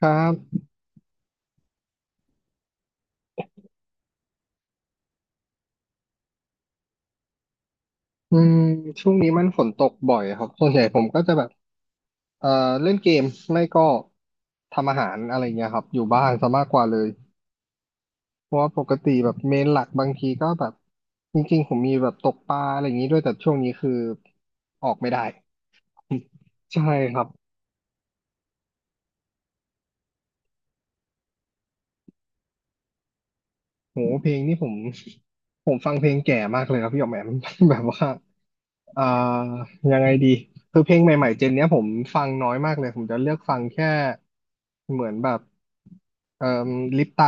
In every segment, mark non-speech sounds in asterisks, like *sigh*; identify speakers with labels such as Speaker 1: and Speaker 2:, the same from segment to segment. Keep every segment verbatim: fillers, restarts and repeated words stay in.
Speaker 1: ครับอืมช่วงนี้มันฝนตกบ่อยครับ ส่วนใหญ่ผมก็จะแบบเอ่อเล่นเกมไม่ก็ทำอาหารอะไรเงี้ยครับอยู่บ้านซะมากกว่าเลย เพราะว่าปกติแบบเมนหลักบางทีก็แบบจริงๆ ผมมีแบบตกปลาอะไรอย่างนี้ด้วยแต่ช่วงนี้คือออกไม่ได้ ใช่ครับ โหเพลงนี่ผม *laughs* ผมฟังเพลงแก่มากเลยครับพี่หยอกแหมม *laughs* แบบว่าอ่ายังไงดีคือเพลงใหม่ๆเจนเนี้ยผมฟังน้อยมากเลยผมจะเลือกฟังแค่เหมือนแบบเอ่อลิปตา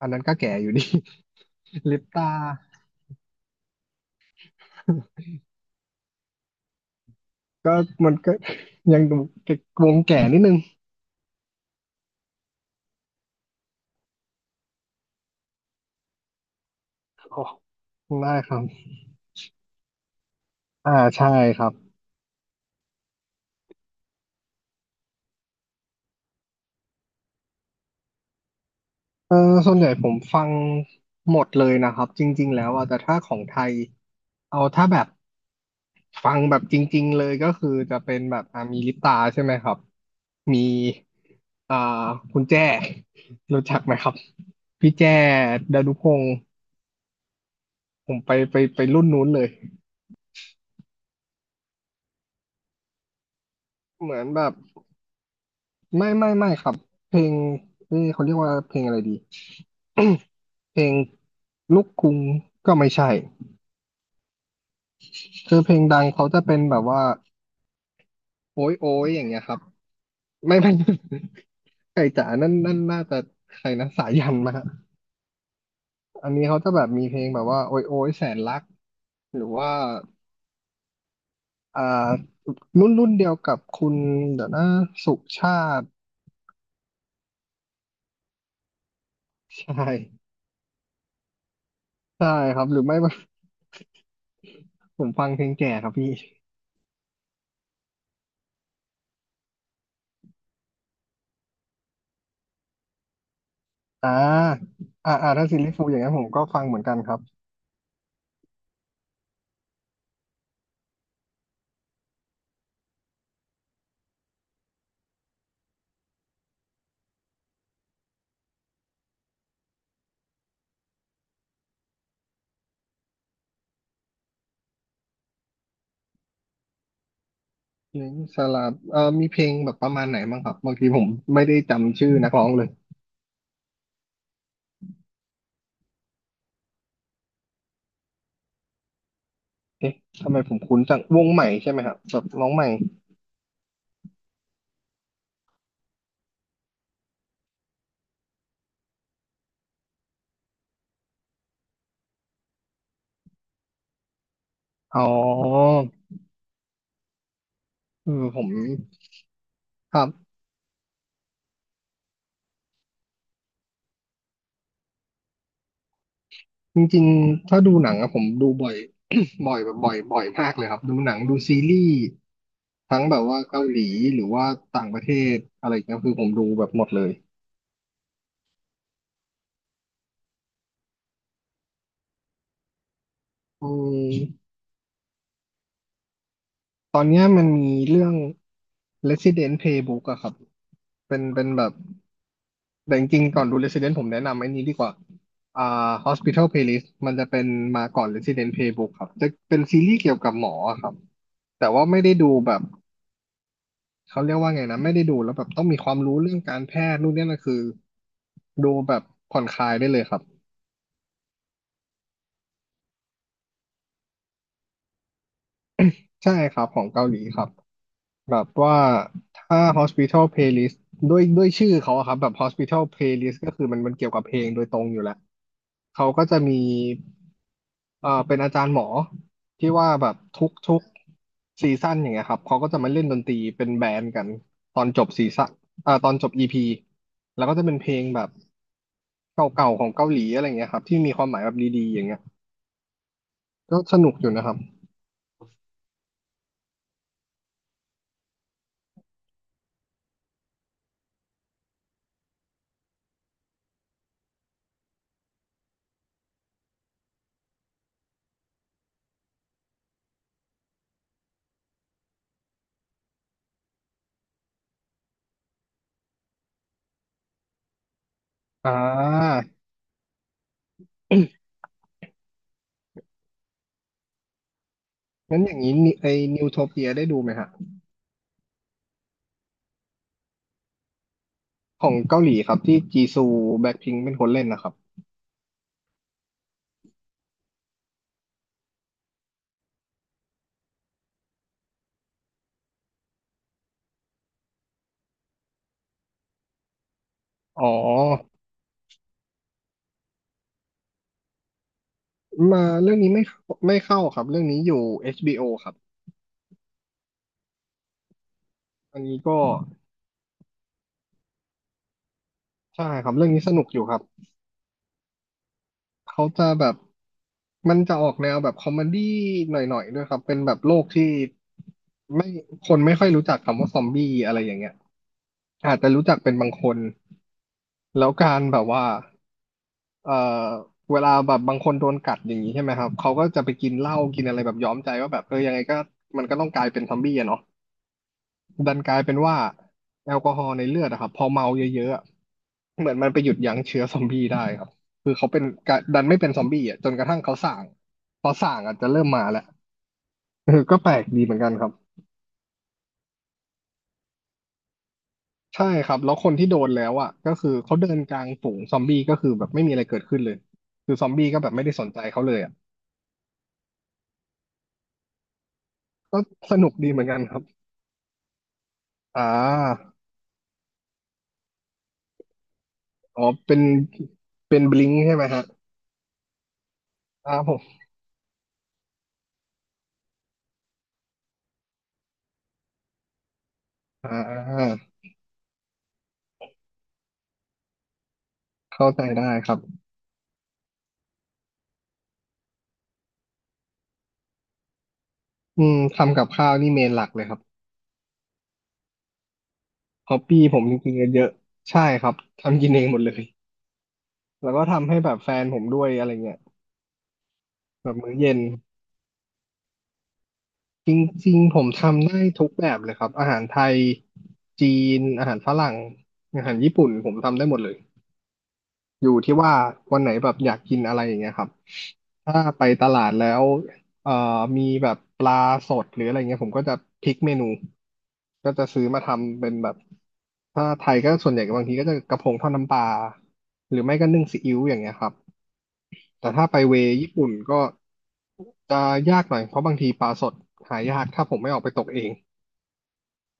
Speaker 1: อันนั้นก็แก่อยู่ดี *laughs* ลิปตา *laughs* ก็มันก็ยังดูวงแก่นิดนึง *laughs* โอ้ได้ครับอ่าใช่ครับเออส่วนใหญ่ผมฟังหมดเลยนะครับจริงๆแล้วอ่ะแต่ถ้าของไทยเอาถ้าแบบ ฟังแบบจริงๆเลยก็คือจะเป็นแบบอ่ะมีลิปตาใช่ไหมครับมีอ่าคุณแจ้ *laughs* รู้จักไหมครับพี่แจ้ดานุพงศ์ผมไปไปไปรุ่นนู้นเลยเหมือนแบบไม่ไม่ไม่ครับเพลงเอ้ยเขาเรียกว่าเพลงอะไรดี *coughs* เพลงลูกกรุงก็ไม่ใช่คือเพลงดังเขาจะเป็นแบบว่าโอ้ยโอ้ยอย่างเงี้ยครับไม่ไม่ *laughs* ไก่จ๋านั่นนั่นน่าจะใครนะสายันมา อันนี้เขาจะแบบมีเพลงแบบว่าโอยโอยแสนรักหรือว่าอ่ารุ่นรุ่นเดียวกับคุณเดี๋ยวนะสุชาติใช่ใช่ครับหรือไม่ *laughs* ผมฟังเพลงแก่ครับพี่อ่าอ่าอ่าถ้าซิรีส์ฟูอย่างนั้นผมก็ฟังเหมือนกันครับเพลงสลับเอ่อมีเพลงแบบประมาณไหนบ้างครับบางทีผมไม่ได้จำชื่อนักร้องเลยเอ๊ะทำไมผมคุ้นจังวงใหม่ใช่ไหมครับแบบน้องใหม่อ๋อเออผมครับ จริงๆถ้าดูหนังอะผมดูบ่อย *coughs* บ่อยแบบบ่อยบ่อยมากเลยครับดูหนังดูซีรีส์ทั้งแบบว่าเกาหลีหรือว่าต่างประเทศอะไรเงี้ยคือผมดูแบบหมดเลยอืมตอนเนี้ยมันมีเรื่อง Resident Playbook อะครับเป็นเป็นแบบแต่จริงๆก่อนดู Resident ผมแนะนำไอ้นี้ดีกว่าอ่า Hospital Playlist มันจะเป็นมาก่อน Resident Playbook ครับจะเป็นซีรีส์เกี่ยวกับหมอครับแต่ว่าไม่ได้ดูแบบ เขาเรียกว่าไงนะไม่ได้ดูแล้วแบบต้องมีความรู้เรื่องการแพทย์นู่นนี่นั่นคือดูแบบผ่อนคลายได้เลยครับใช่ครับของเกาหลีครับ แบบว่าถ้า Hospital Playlist ด้วยด้วยชื่อเขาอะครับแบบ Hospital Playlist ก็คือมันมันเกี่ยวกับเพลงโดยตรงอยู่แล้วเขาก็จะมีเอ่อเป็นอาจารย์หมอที่ว่าแบบทุกทุกซีซั่นอย่างเงี้ยครับเขาก็จะมาเล่นดนตรีเป็นแบนด์กันตอนจบซีซั่นอ่าตอนจบ อี พี แล้วก็จะเป็นเพลงแบบเก่าๆของเกาหลีอะไรอย่างเงี้ยครับที่มีความหมายแบบดีๆอย่างเงี้ยก็สนุกอยู่นะครับอ่างั้นอย่างนี้นิไอ้นิวโทเปียได้ดูไหมฮะ ของเกาหลีครับที่จีซูแบ็คพิงค์เป็นคนเล่นนะครับอ๋อมาเรื่องนี้ไม่เข้าไม่เข้าครับเรื่องนี้อยู่ เอช บี โอ ครับอันนี้ก็ใช่ครับเรื่องนี้สนุกอยู่ครับเขาจะแบบมันจะออกแนวแบบคอมเมดี้หน่อยๆด้วยครับเป็นแบบโลกที่ไม่คนไม่ค่อยรู้จักคำว่าซอมบี้อะไรอย่างเงี้ยอาจจะรู้จักเป็นบางคนแล้วการแบบว่า เอ่อเวลาแบบบางคนโดนกัดอย่างนี้ใช่ไหมครับ เขาก็จะไปกินเหล้ากินอะไรแบบย้อมใจว่าแบบเออยังไงก็มันก็ต้องกลายเป็นซอมบี้อะเนาะดันกลายเป็นว่าแอลกอฮอล์ในเลือดอะครับพอเมาเยอะๆอะเหมือนมันไปหยุดยั้งเชื้อซอมบี้ได้ครับคือเขาเป็นกะดันไม่เป็นซอมบี้อ่ะจนกระทั่งเขาส่างพอส่างอาจจะเริ่มมาแล้ว *laughs* เออก็แปลกดีเหมือนกันครับใช่ครับแล้วคนที่โดนแล้วอ่ะก็คือเขาเดินกลางฝูงซอมบี้ก็คือแบบไม่มีอะไรเกิดขึ้นเลยคือซอมบี้ก็แบบไม่ได้สนใจเขาเลยอ่ะก็สนุกดีเหมือนกันครับ อ่าอ๋อเป็นเป็นบลิงใช่ไหมฮะอ้าวผมอ่าเข้าใจได้ครับอืมทำกับข้าวนี่เมนหลักเลยครับฮอปปี้ผมจริงๆเยอะๆใช่ครับ ทำกินเองหมดเลย แล้วก็ทำให้แบบแฟนผมด้วยอะไรเงี้ยแบบมื้อเย็น จริงๆผมทำได้ทุกแบบเลยครับ อาหารไทยจีน อาหารฝรั่ง อาหารญี่ปุ่นผมทำได้หมดเลย อยู่ที่ว่าวันไหนแบบอยากกินอะไรอย่างเงี้ยครับถ้าไปตลาดแล้วเอ่อมีแบบปลาสดหรืออะไรเงี้ยผมก็จะพลิกเมนูก็จะซื้อมาทำเป็นแบบถ้าไทยก็ส่วนใหญ่บางทีก็จะกระพงทอดน้ำปลาหรือไม่ก็นึ่งซีอิ๊วอย่างเงี้ยครับแต่ถ้าไปเวย์ญี่ปุ่นก็จะยากหน่อยเพราะบางทีปลาสดหายากถ้าผมไม่ออกไปตกเอง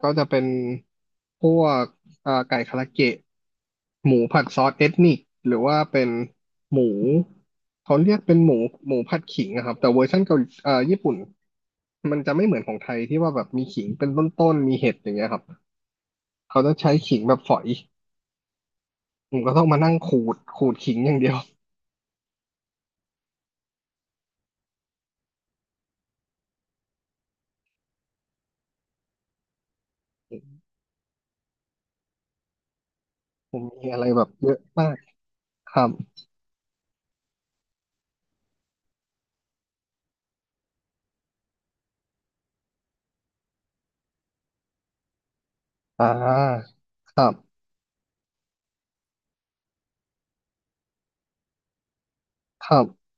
Speaker 1: ก็จะเป็นพวกเอ่อไก่คาราเกะหมูผัดซอสเอทนิคหรือว่าเป็นหมูเขาเรียกเป็นหมูหมูผัดขิงนะครับแต่เวอร์ชันเกาหลีเอ่อญี่ปุ่นมันจะไม่เหมือนของไทยที่ว่าแบบมีขิงเป็นต้นๆมีเห็ดอย่างเงี้ยครับเขาจะใช้ขิงแบบฝอยผมก็ต้องมานั่งขูดขูดขิงอย่างเดียวผมมีอะไรแบบเยอะมากครับอ่าครับ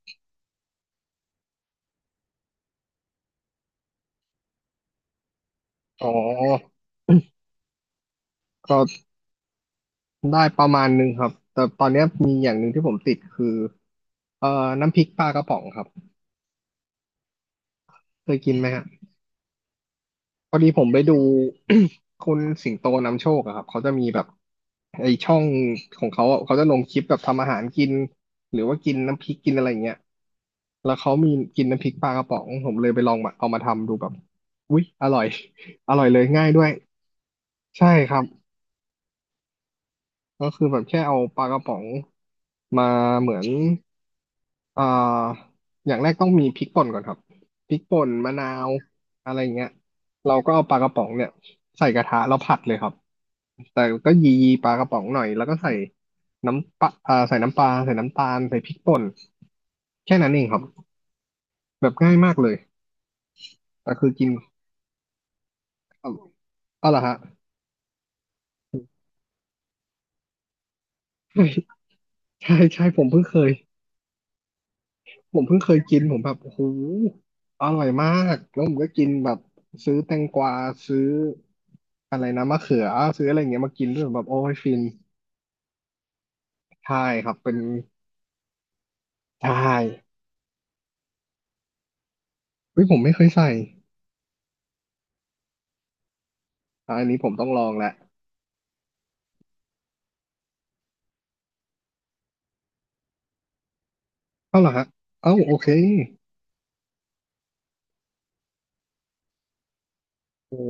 Speaker 1: อ๋อก็ได้ประมาณหนึ่งครับแต่ตอนเนี้ยมีอย่างหนึ่งที่ผมติดคือ เอ่อน้ำพริกปลากระป๋องครับเคยกินไหมฮะพอดีผมไปดู *coughs* คุณสิงโตนำโชคอะครับเขาจะมีแบบไอช่องของเขาอะเขาจะลงคลิปแบบทำอาหารกินหรือว่ากินน้ำพริกกินอะไรอย่างเงี้ยแล้วเขามีกินน้ำพริกปลากระป๋องผมเลยไปลองมาเอามาทำดูแบบอุ๊ยอร่อย *laughs* อร่อยเลยง่ายด้วยใช่ครับก็คือแบบแค่เอาปลากระป๋องมาเหมือน เอ่ออย่างแรกต้องมีพริกป่นก่อนครับพริกป่นมะนาวอะไรเงี้ยเราก็เอาปลากระป๋องเนี่ยใส่กระทะแล้วผัดเลยครับแต่ก็ยีปลากระป๋องหน่อยแล้วก็ใส่น้ำปลาเอ่าใส่น้ำปลาใส่น้ำตาลใส่พริกป่นแค่นั้นเองครับแบบง่ายมากเลยแต่คือกินเอาเอาเหรอฮะ *laughs* ใช่ใช่ใช่ผมเพิ่งเคย ผมเพิ่งเคยกินผมแบบโอ้โหอร่อยมากแล้วผมก็กินแบบซื้อแตงกวาซื้ออะไรนะมะเขือซื้ออะไรอย่างเงี้ยมากินด้วยแบบโอ้ยฟินใช่ครับเป็นใช่เฮ้ยผมไม่เคยใส่อะอันนี้ผมต้องลองแหละเอ้าเหรอฮะเอ้าโอเคโอ้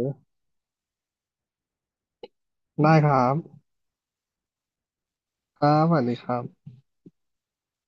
Speaker 1: ได้ครับครับสวัสดีครับ